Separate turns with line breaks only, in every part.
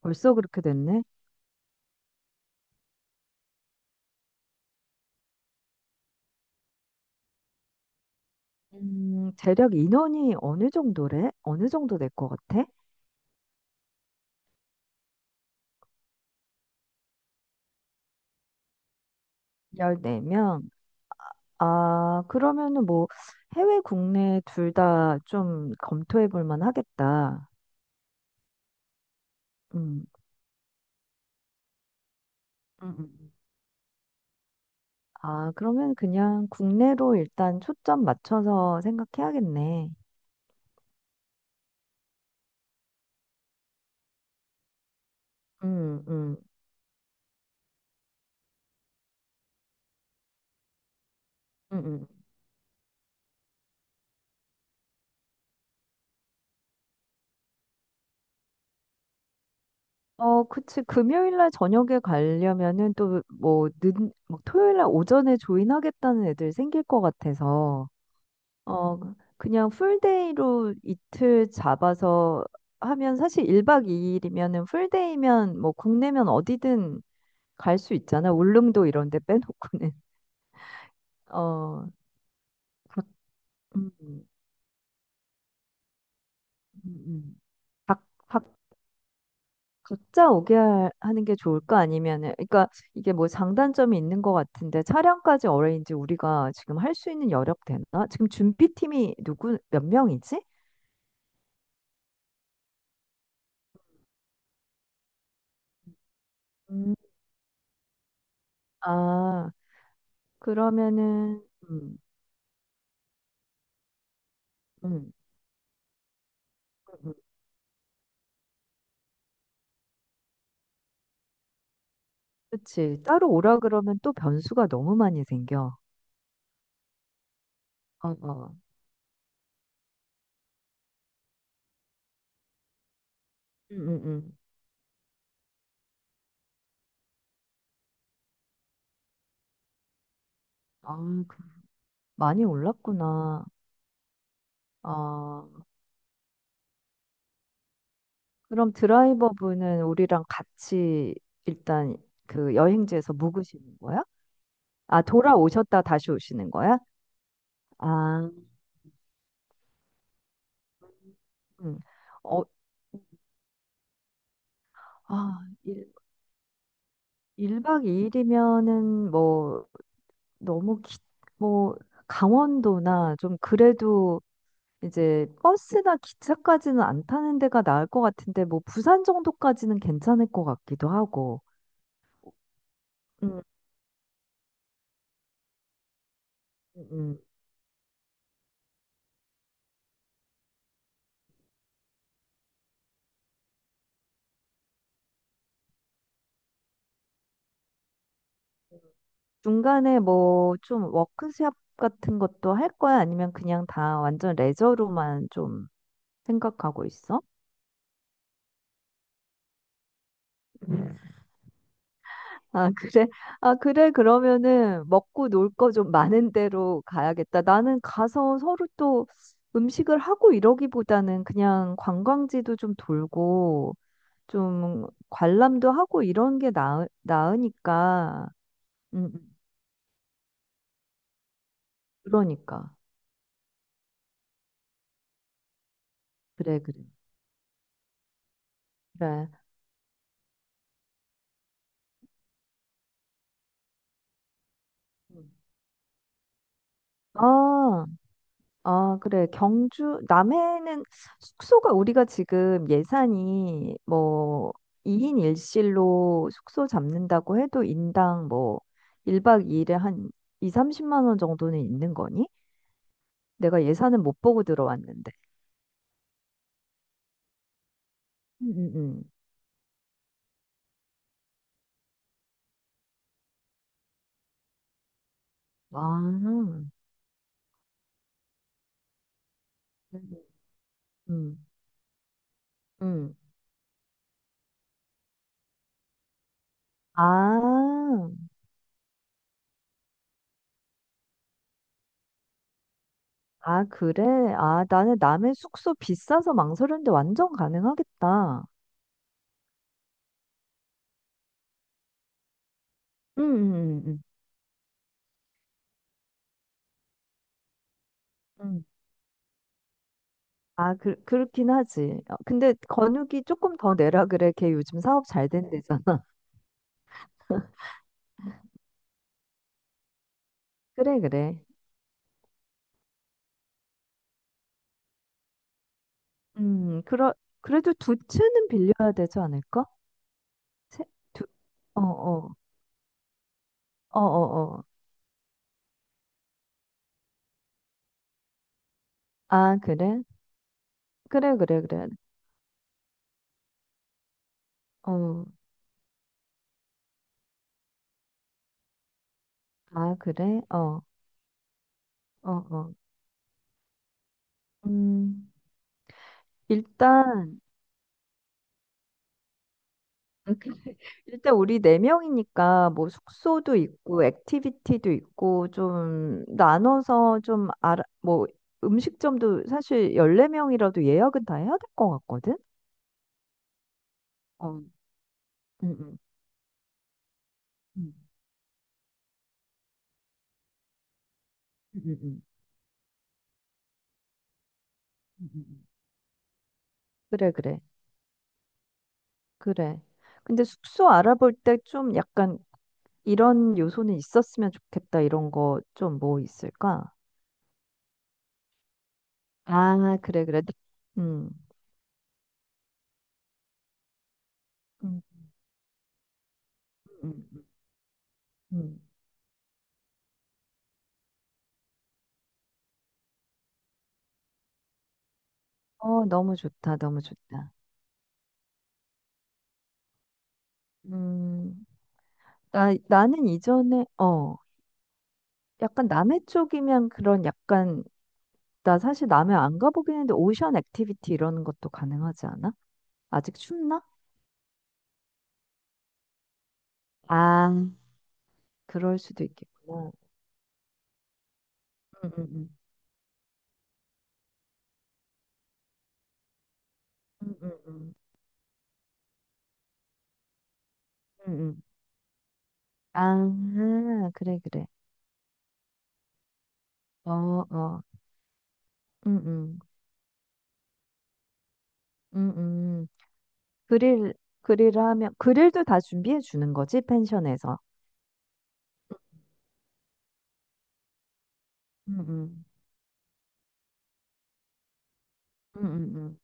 벌써 그렇게 됐네. 재력 인원이 어느 정도래? 어느 정도 될 것 같아? 14명. 아, 그러면은 뭐 해외 국내 둘 다 좀 검토해 볼 만하겠다. 음. 음, 음, 음. 아, 그러면 그냥 국내로 일단 초점 맞춰서 생각해야겠네. 음, 음, 음, 음. 어, 그치. 금요일 날 저녁에 가려면은 또 뭐, 막 토요일 날 오전에 조인하겠다는 애들 생길 것 같아서. 어, 그냥 풀데이로 이틀 잡아서 하면 사실 1박 2일이면은 풀데이면 뭐 국내면 어디든 갈 수 있잖아. 울릉도 이런 데 빼놓고는. 어, 각, 음, 음, 음. 각, 각, 각자 오게 하는 게 좋을까? 아니면은, 그러니까 이게 뭐 장단점이 있는 것 같은데 차량까지 어레인지 우리가 지금 할 수 있는 여력 되나? 지금 준비팀이 누구, 몇 명이지? 음. 아, 그러면은, 음, 음. 음. 그치. 따로 오라 그러면 또 변수가 너무 많이 생겨. 어, 어. 응, 응, 응. 아, 그- 많이 올랐구나. 아, 그럼 드라이버분은 우리랑 같이 일단 그 여행지에서 묵으시는 거야? 아, 돌아오셨다 다시 오시는 거야? 아, 음. 어, 아, 1박 2일이면은 뭐 너무 뭐 강원도나 좀 그래도 이제 버스나 기차까지는 안 타는 데가 나을 것 같은데 뭐 부산 정도까지는 괜찮을 것 같기도 하고. 음, 음, 음. 중간에 뭐 좀 워크숍 같은 것도 할 거야? 아니면 그냥 다 완전 레저로만 좀 생각하고 있어? 음. 아, 그래. 아, 그래. 그러면은 먹고 놀 거 좀 많은 데로 가야겠다. 나는 가서 서로 또 음식을 하고 이러기보다는 그냥 관광지도 좀 돌고 좀 관람도 하고 이런 게 나으니까. 음, 음. 그러니까. 그래, 그래. 그래. 음. 아, 아, 그래. 경주, 남해는 숙소가 우리가 지금 예산이 뭐 2인 1실로 숙소 잡는다고 해도 인당 뭐 1박 2일에 한 2, 30만 원 정도는 있는 거니? 내가 예산은 못 보고 들어왔는데. 음, 음, 음. 와. 음. 음. 아, 아, 그래? 아, 나는 남의 숙소 비싸서 망설였는데 완전 가능하겠다. 응, 응, 응. 응. 응. 아, 그렇긴 하지. 어, 근데 건욱이 조금 더 내라 그래. 걔 요즘 사업 잘 된대잖아. 그래, 그래. 음, 그러, 그래도 두 채는 빌려야 되지 않을까? 채, 두, 어, 어, 어, 어, 어. 아, 그래? 그래, 그래, 그래. 어, 아, 그래? 어, 어, 어. 음, 일단, 일단 우리 네 명이니까 뭐 숙소도 있고 액티비티도 있고 좀 나눠서 좀 알아 뭐 음식점도 사실 14명이라도 예약은 다 해야 될 것 같거든. 어. 음, 음. 음, 음, 음, 음, 음. 그래 그래. 그래. 근데 숙소 알아볼 때 좀 약간 이런 요소는 있었으면 좋겠다. 이런 거 좀 뭐 있을까? 아, 그래 그래. 음. 음. 음. 음. 음. 어, 너무 좋다. 너무 좋다. 음, 나는 이전에, 약간 남해 쪽이면 그런 약간, 나 사실 남해 안 가보긴 했는데, 오션 액티비티 이런 것도 가능하지 않아? 아직 춥나? 아, 그럴 수도 있겠구나. 응, 응, 응, 응, 응, 응, 응. 아, 그래, 그래. 어, 어, 응, 응, 응, 응. 그릴, 그릴 하면, 그릴도 다 준비해 주는 거지, 펜션에서. 응, 응, 응, 응, 응.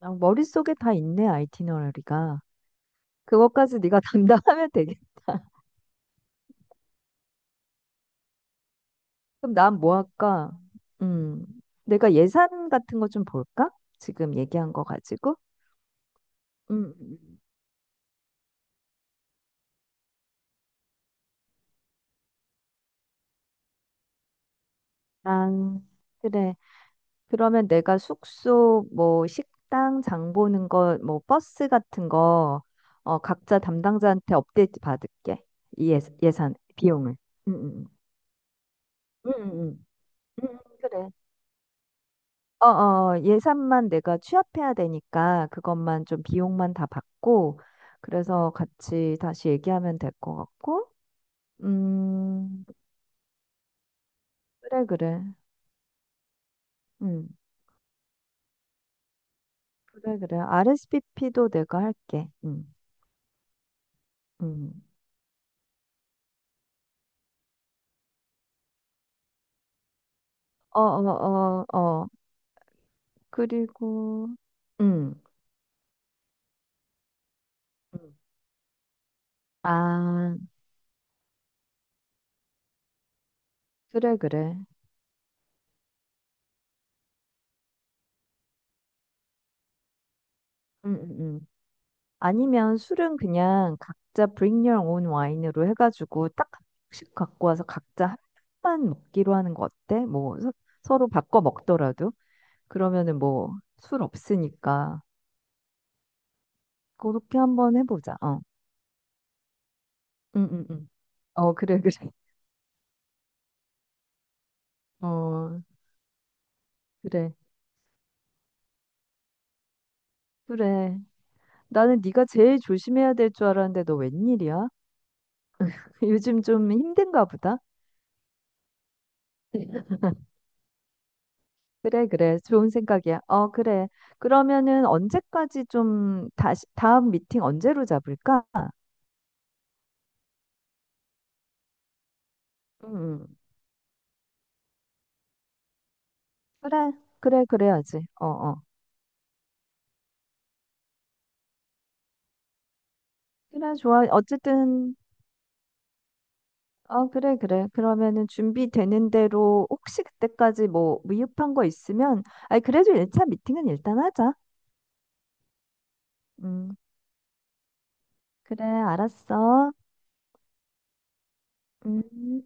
아, 머릿속에 다 있네, 아이티너리가. 그것까지 네가 담당하면 되겠. 그럼 난 뭐 할까? 음, 내가 예산 같은 거 좀 볼까? 지금 얘기한 거 가지고. 음, 음, 음. 아, 그래. 그러면 내가 숙소, 뭐 식당 장 보는 거, 뭐 버스 같은 거, 어, 각자 담당자한테 업데이트 받을게. 이 예산, 비용을. 응, 응응 응 그래. 어, 어, 예산만 내가 취합해야 되니까 그것만 좀 비용만 다 받고 그래서 같이 다시 얘기하면 될 것 같고. 음, 그래 그래. 음. 그래 그래 RSPP 도 내가 할게. 어 어 어 어 어. 그리고 음아 그래 그래 음 음, 음. 아니면 술은 그냥 각자 bring your own wine으로 해가지고 딱 한 병씩 갖고 와서 각자 한 병만 먹기로 하는 거 어때? 뭐 서로 바꿔 먹더라도 그러면은 뭐 술 없으니까 그렇게 한번 해보자. 어, 응, 응, 응. 어, 그래, 그래. 어, 그래, 그래. 나는 네가 제일 조심해야 될 줄 알았는데 너 웬일이야? 요즘 좀 힘든가 보다. 그래, 그래. 좋은 생각이야. 어, 그래. 그러면은 언제까지 좀 다음 미팅 언제로 잡을까? 음, 그래, 그래, 그래야지. 어, 어. 그래, 좋아. 어쨌든, 어, 그래, 그래. 그러면은 준비되는 대로 혹시 그때까지 뭐 미흡한 거 있으면, 아니, 그래도 1차 미팅은 일단 하자. 음, 그래, 알았어. 음.